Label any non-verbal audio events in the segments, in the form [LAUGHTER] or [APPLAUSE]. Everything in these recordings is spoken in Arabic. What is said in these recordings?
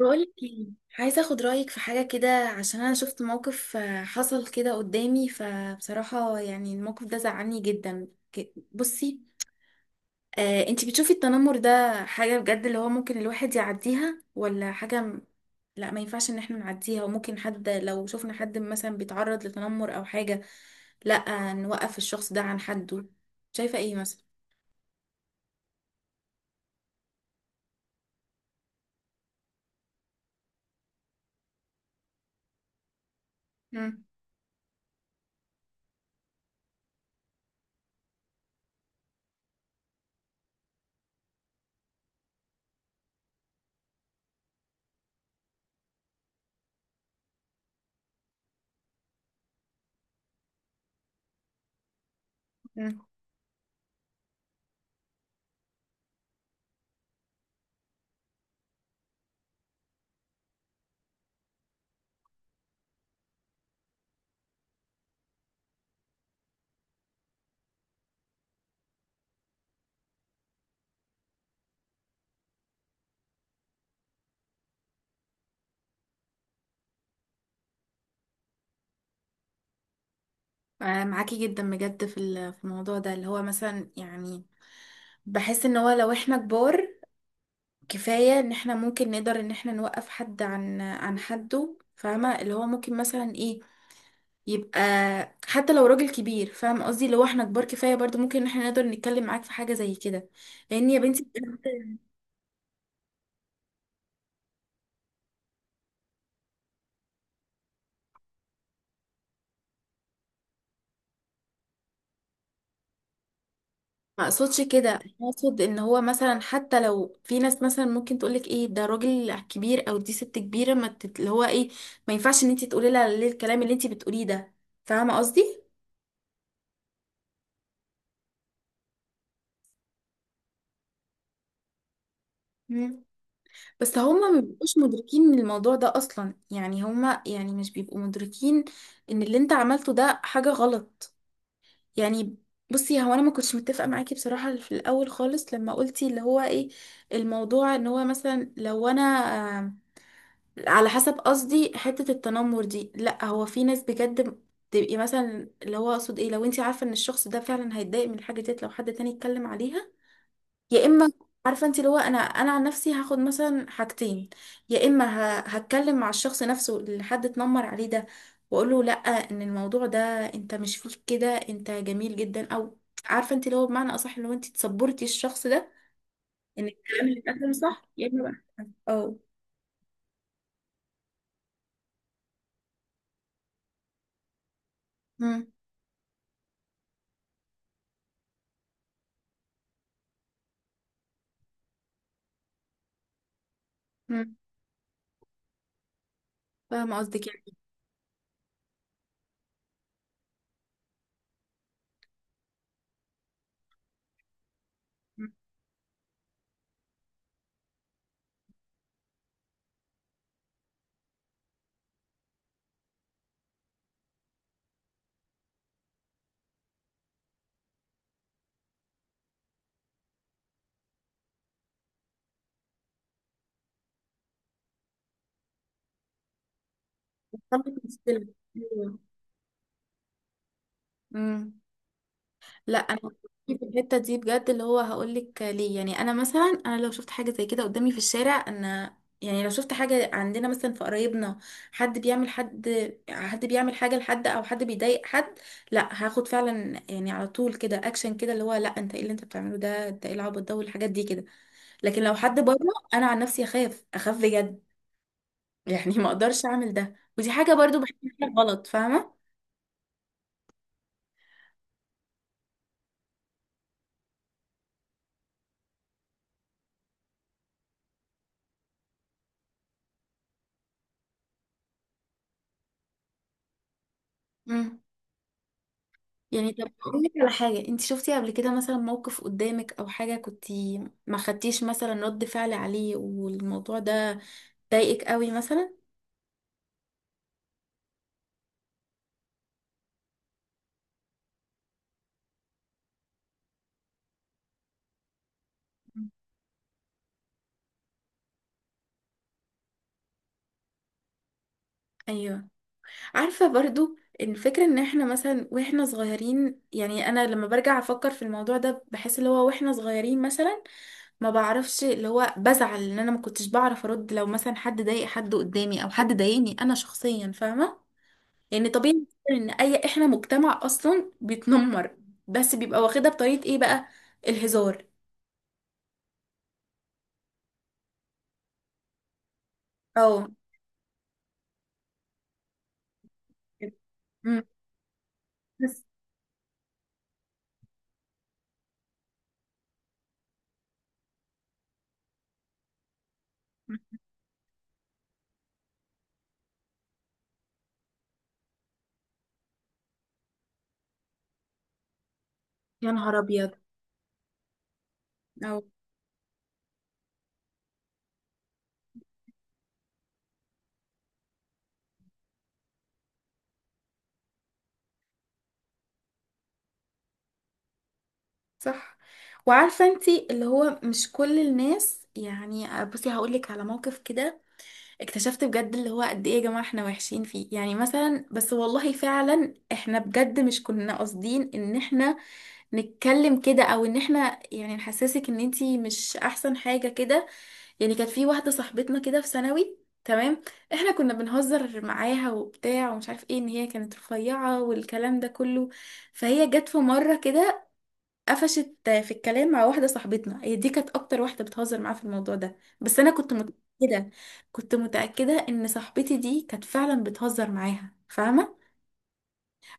بقولك ايه. عايزه اخد رايك في حاجه كده عشان انا شفت موقف، حصل كده قدامي، فبصراحه يعني الموقف ده زعلني جدا. بصي، انتي بتشوفي التنمر ده حاجه بجد اللي هو ممكن الواحد يعديها ولا حاجه؟ لا، ما ينفعش ان احنا نعديها، وممكن حد لو شفنا حد مثلا بيتعرض لتنمر او حاجه، لا نوقف الشخص ده عن حده. شايفه ايه مثلا؟ مم. مم. معاكي جدا بجد في الموضوع ده اللي هو مثلا يعني، بحس ان هو لو احنا كبار كفاية ان احنا ممكن نقدر ان احنا نوقف حد عن حده، فاهمة؟ اللي هو ممكن مثلا ايه، يبقى حتى لو راجل كبير، فاهم قصدي؟ لو احنا كبار كفاية برضو ممكن ان احنا نقدر نتكلم معاك في حاجة زي كده، لان يا بنتي بجد ما اقصدش كده. انا اقصد ان هو مثلا حتى لو في ناس مثلا ممكن تقولك ايه ده راجل كبير او دي ست كبيرة، ما تت... اللي هو ايه، ما ينفعش ان انت تقولي لها ليه الكلام اللي انت بتقوليه ده، فاهمة قصدي؟ مم. بس هما ما بيبقوش مدركين من الموضوع ده اصلا، يعني هما يعني مش بيبقوا مدركين ان اللي انت عملته ده حاجة غلط يعني. بصي، هو انا ما كنتش متفقة معاكي بصراحة في الاول خالص لما قلتي اللي هو ايه الموضوع، ان هو مثلا لو انا آه، على حسب قصدي حتة التنمر دي، لا هو في ناس بجد تبقي مثلا اللي هو اقصد ايه، لو انت عارفة ان الشخص ده فعلا هيتضايق من الحاجة ديت لو حد تاني اتكلم عليها، يا اما عارفه انت اللي هو انا عن نفسي هاخد مثلا حاجتين. يا اما هتكلم مع الشخص نفسه اللي حد اتنمر عليه ده واقول له لا، ان الموضوع ده، انت مش فيك كده، انت جميل جدا، او عارفه انت اللي هو بمعنى اصح اللي هو انت تصبرتي الشخص ده ان الكلام اللي اتقدم صح، يا اما بقى اه. مم. مم. فاهمه قصدك يعني. مم. وصلت مشكله. أيوة. مم. لا، انا في الحته دي بجد اللي هو هقول لك ليه. يعني انا مثلا انا لو شفت حاجه زي كده قدامي في الشارع، انا يعني لو شفت حاجه عندنا مثلا في قرايبنا، حد بيعمل حد، حد بيعمل حاجه لحد او حد بيضايق حد، لا هاخد فعلا يعني على طول كده اكشن كده اللي هو لا، انت ايه اللي انت بتعمله ده، انت ايه العبط ده والحاجات دي كده. لكن لو حد بره، انا عن نفسي اخاف، اخاف بجد. [LAUGHS] يعني ما اقدرش اعمل ده، ودي حاجه برضو بحسها غلط، فاهمه؟ امم. يعني طب اقول لك على حاجه، انت شفتي قبل كده مثلا موقف قدامك او حاجه كنتي ما خدتيش مثلا رد فعل عليه والموضوع ده ضايقك قوي مثلا؟ ايوه. عارفه برضو الفكره ان احنا مثلا واحنا صغيرين، يعني انا لما برجع افكر في الموضوع ده بحس اللي هو واحنا صغيرين مثلا ما بعرفش اللي هو بزعل ان انا ما كنتش بعرف ارد لو مثلا حد ضايق حد قدامي او حد ضايقني انا شخصيا، فاهمه؟ يعني طبيعي جداً ان اي احنا مجتمع اصلا بيتنمر، بس بيبقى واخدها بطريقة ايه بقى؟ الهزار او مم. بس يا نهار ابيض. او صح. وعارفة انتي اللي هو مش كل الناس، يعني بصي هقولك على موقف كده، اكتشفت بجد اللي هو قد ايه يا جماعة احنا وحشين فيه. يعني مثلا بس والله فعلا احنا بجد مش كنا قاصدين ان احنا نتكلم كده او ان احنا يعني نحسسك ان انتي مش احسن حاجة كده. يعني كانت في واحدة صاحبتنا كده في ثانوي، تمام، احنا كنا بنهزر معاها وبتاع ومش عارف ايه ان هي كانت رفيعة والكلام ده كله. فهي جت في مرة كده قفشت في الكلام مع واحدة صاحبتنا، هي دي كانت أكتر واحدة بتهزر معاه في الموضوع ده، بس أنا كنت متأكدة، كنت متأكدة إن صاحبتي دي كانت فعلا بتهزر معاها، فاهمة؟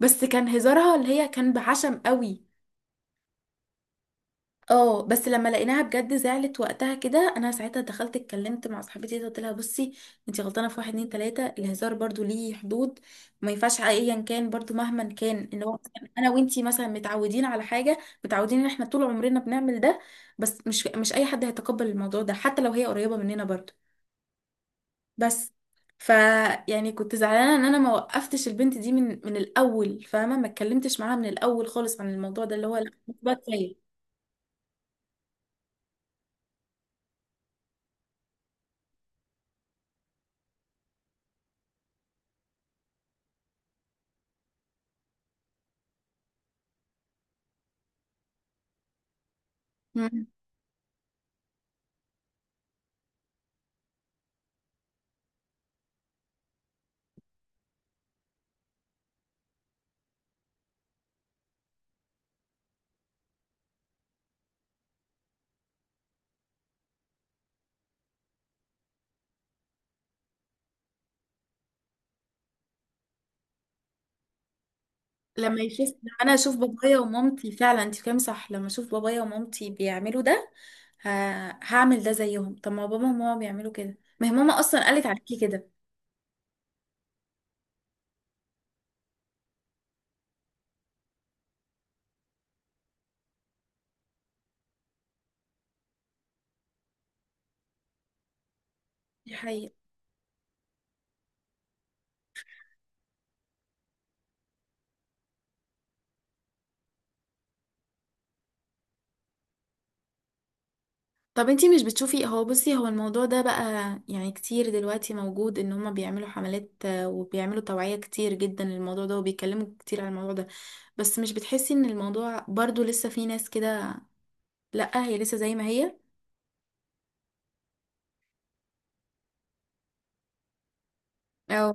بس كان هزارها اللي هي كان بعشم قوي. اه، بس لما لقيناها بجد زعلت وقتها كده، انا ساعتها دخلت اتكلمت مع صاحبتي دي، قلت لها بصي انتي غلطانه في واحد اتنين تلاته، الهزار برضو ليه حدود، وما ينفعش ايا كان برضو مهما كان ان هو مثلاً انا وانتي مثلا متعودين على حاجه، متعودين ان احنا طول عمرنا بنعمل ده، بس مش اي حد هيتقبل الموضوع ده حتى لو هي قريبه مننا برضو. بس ف يعني كنت زعلانه ان انا ما وقفتش البنت دي من الاول، فاهمه؟ ما اتكلمتش معاها من الاول خالص عن الموضوع ده اللي هو لا بقى كفايه. لما يشوف، لما انا اشوف بابايا ومامتي فعلا، انت فاهم صح؟ لما اشوف بابايا ومامتي بيعملوا ده، ه... هعمل ده زيهم. طب ما بابا وماما بيعملوا كده، ما هي ماما اصلا قالت عليكي كده. دي حقيقة. طب انتي مش بتشوفي، هو بصي هو الموضوع ده بقى يعني كتير دلوقتي موجود ان هما بيعملوا حملات، وبيعملوا توعية كتير جدا للموضوع ده وبيتكلموا كتير عن الموضوع ده، بس مش بتحسي ان الموضوع برضو لسه في ناس كده؟ لا، هي لسه زي ما هي. اه.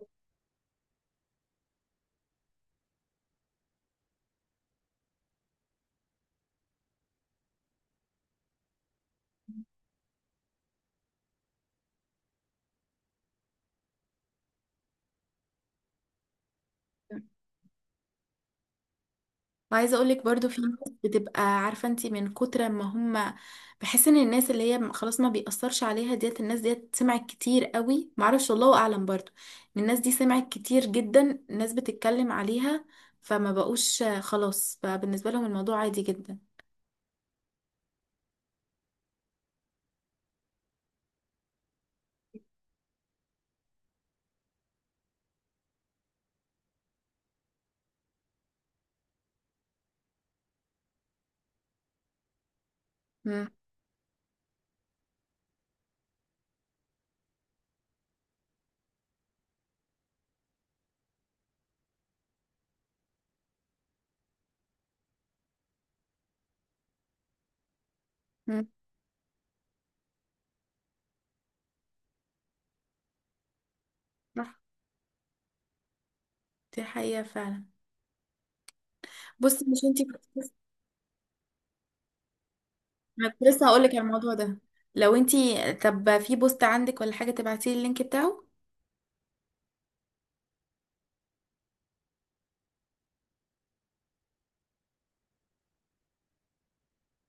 وعايزه اقول لك برضو في ناس بتبقى عارفه انت من كتر ما هم، بحس ان الناس اللي هي خلاص ما بيأثرش عليها ديت، الناس ديت سمعت كتير قوي، معرفش والله اعلم برضو، إن الناس دي سمعت كتير جدا الناس بتتكلم عليها فما بقوش، خلاص بقى بالنسبه لهم الموضوع عادي جدا. امم. امم. صح. دي حقيقه فعلا. بصي مش انت كنت لسه- أنا كنت لسه هقول لك على الموضوع ده. لو انت، طب في بوست عندك ولا حاجه تبعتي لي اللينك بتاعه.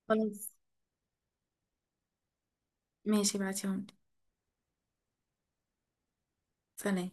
خلاص ماشي، ابعتيهم لي. سلام.